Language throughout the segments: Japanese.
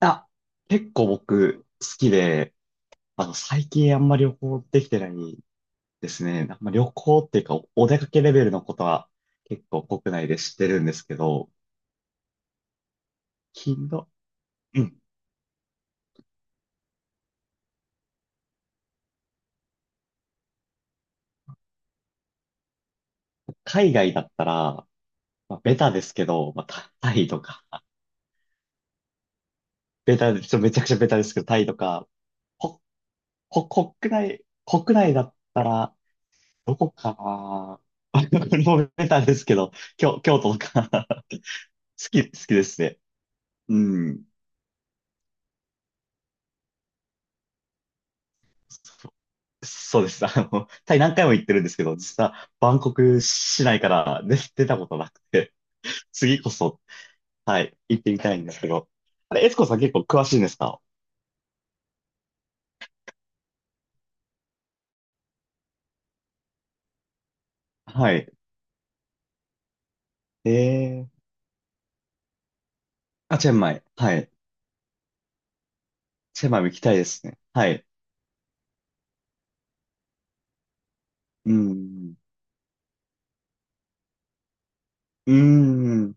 あ、結構僕好きで、最近あんまり旅行できてないですね。なんか旅行っていうかお出かけレベルのことは結構国内で知ってるんですけど、頻度、うん。海外だったら、まあ、ベタですけど、まあ、タイとか、ベタで、ちょっとめちゃくちゃベタですけど、タイとか、こ、国内だったら、どこかな。 これもうベタですけど、京都とか。 好きですね。うん。そうです。タイ何回も行ってるんですけど、実はバンコク市内から出たことなくて、次こそ、はい、行ってみたいんですけど。あれ、エツコさん結構詳しいんですか？はい。ええ、あ、チェンマイ。はい。チェンマイも行きたいですね。はい。うん。うん。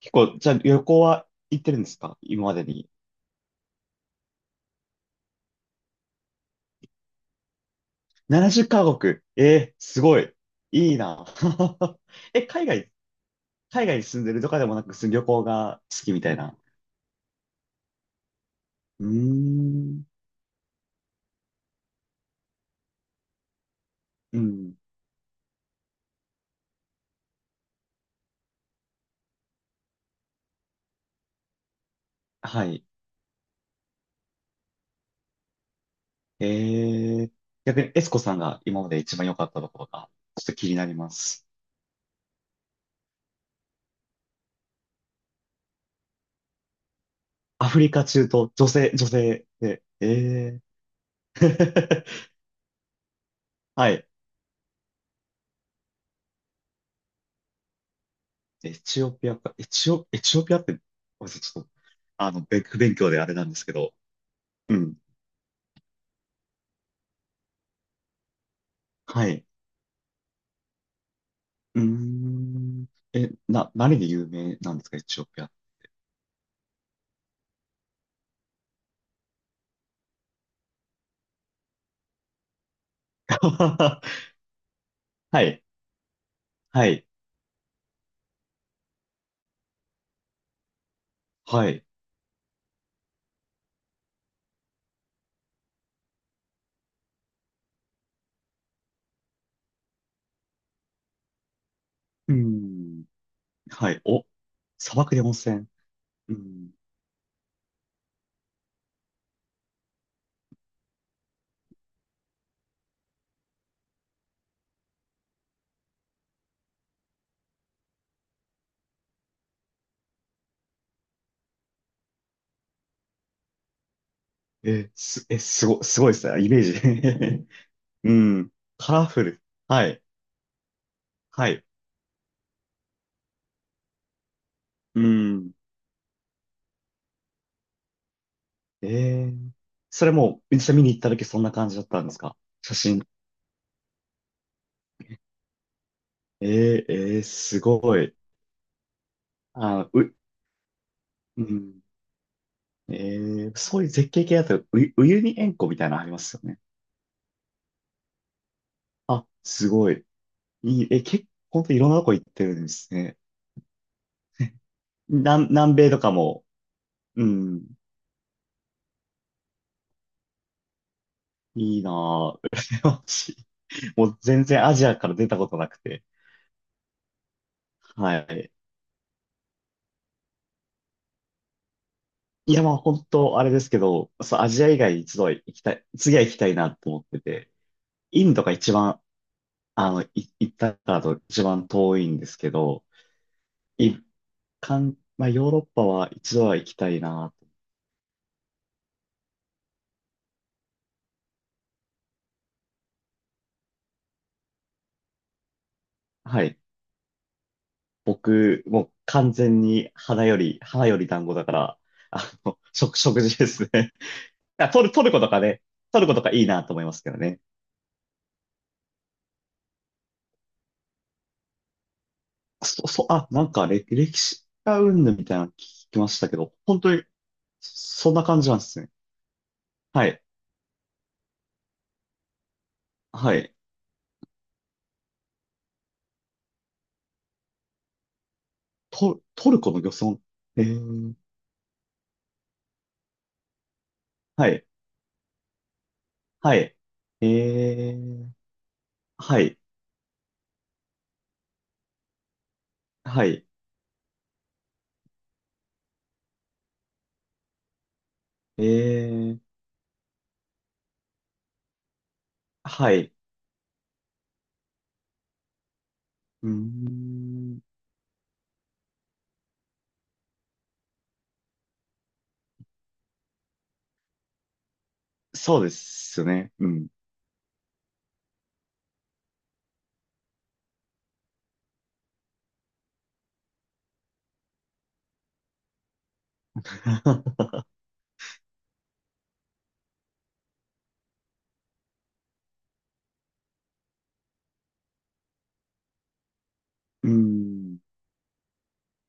結構、じゃあ旅行は行ってるんですか今までに？70カ国。ええ、すごい。いいな。え、海外に住んでるとかでもなく、旅行が好きみたいな。うーん。うん。はい。えー、逆にエスコさんが今まで一番良かったところが、ちょっと気になります。アフリカ中東、女性で、えー。はい。エチオピアか、エチオピアって、ごめんなさい、ちょっと、不勉強であれなんですけど、うん。はい。うーん。え、何で有名なんですか、エチオピアって？はい。はい。はい。うーん。はい。お、砂漠で温泉。うん。え、す、え、すご、すごいですね。イメージ。うん。カラフル。はい。はい。うん。えー、それも、実際見に行った時そんな感じだったんですか？写真。えー、えー、すごい。あ、うん。えー、そういう絶景系だと、ウユニ塩湖みたいなのありますよね。あ、すごい。いい、え、結構、ほんといろんなとこ行ってるんですね。南米とかも、うん、いいなぁ。羨ましい。もう全然アジアから出たことなくて。はい。いや、まあ本当あれですけど、そう、アジア以外一度は行きたい、次は行きたいなと思ってて、インドが一番、あの、い行ったからと一番遠いんですけど、一まあヨーロッパは一度は行きたいなと。はい。僕、もう完全に花より団子だから、食事ですね。あ、トルコとかね、トルコとかいいなと思いますけどね。あ、なんか歴史がうんぬんみたいなの聞きましたけど、本当にそんな感じなんですね。はい。はい。トルコの漁村。えー、はい。はい。えー、はい。はい。えー、はい。うーん。そうですね。うん。うん。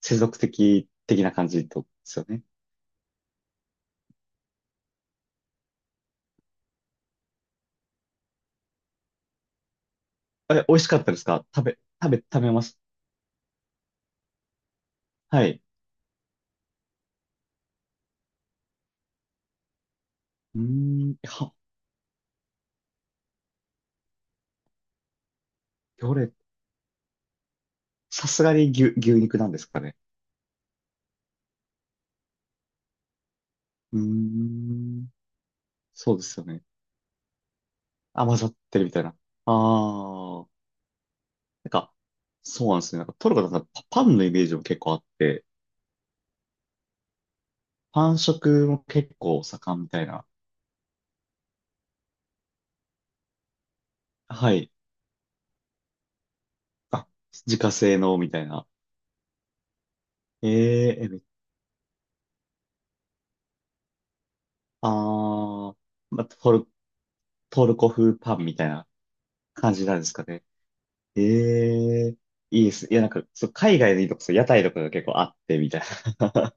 世俗的的な感じとですよね。え、美味しかったですか？食べます。はい。うーん。は、どれ、さすがに牛肉なんですかね。うーん。そうですよね。あ、混ざってるみたいな。ああ。なんか、そうなんですね。なんかトルコだとパンのイメージも結構あって、パン食も結構盛んみたいな。はい。あ、自家製のみたいな。ええ、めあー、まあ、トルコ風パンみたいな感じなんですかね。ええ。いいです。いや、なんか、そう、海外のいいとこ、そう、屋台とかが結構あってみたいな。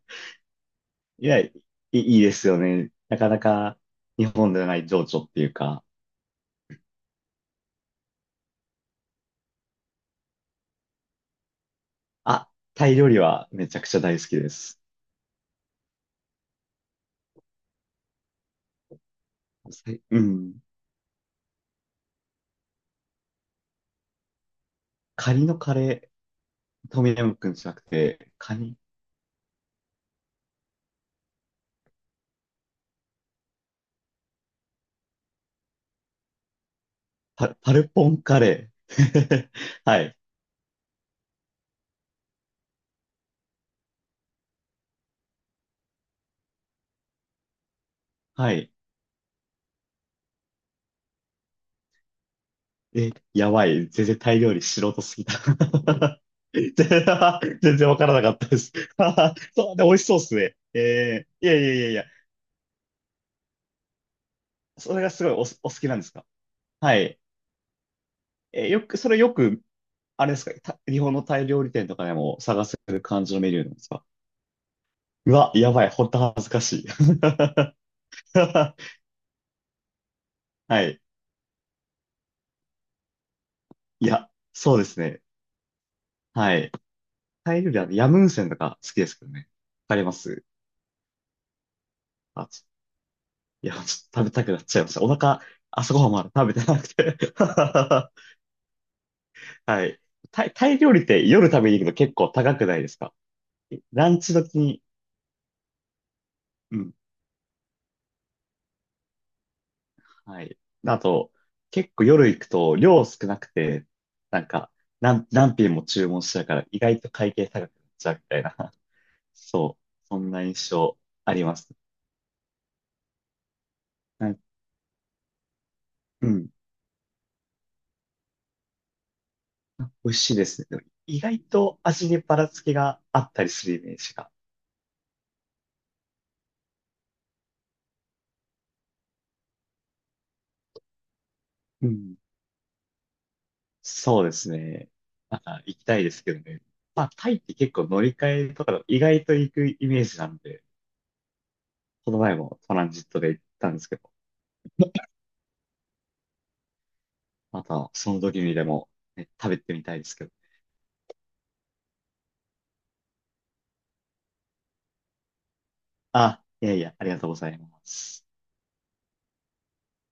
いや、いいですよね。なかなか日本ではない情緒っていうか。あ、タイ料理はめちゃくちゃ大好きです。はい、うん。カニのカレー、トムヤムクンじゃなくて、カニ、パルポンカレー。はい。はい。え、やばい。全然タイ料理素人すぎた。全然わからなかったです。そう、で、美味しそうっすね。えー、いやいやいやいや。それがすごいお好きなんですか？はい。え、よく、それよく、あれですか、日本のタイ料理店とかでも探せる感じのメニューなんですか？うわ、やばい。ほんと恥ずかしい。はい。いや、そうですね。はい。タイ料理は、ヤムウンセンとか好きですけどね。わかります。あ、ちいや、ちょっと食べたくなっちゃいました。お腹、朝ごはんまだ食べてなくて。 はい。タイ料理って夜食べに行くの結構高くないですか？ランチ時に、うん。はい。あと、結構夜行くと量少なくて、なんか、何品も注文しちゃうから、意外と会計高くなっちゃうみたいな。そう。そんな印象あります。はい、うん。あ、美味しいですね。でも意外と味にばらつきがあったりするイメージが。うん。そうですね。また行きたいですけどね。まあ、タイって結構乗り換えとか意外と行くイメージなんで、この前もトランジットで行ったんですけど、またその時にでも、ね、食べてみたいですけど。あ、いやいや、ありがとうございます。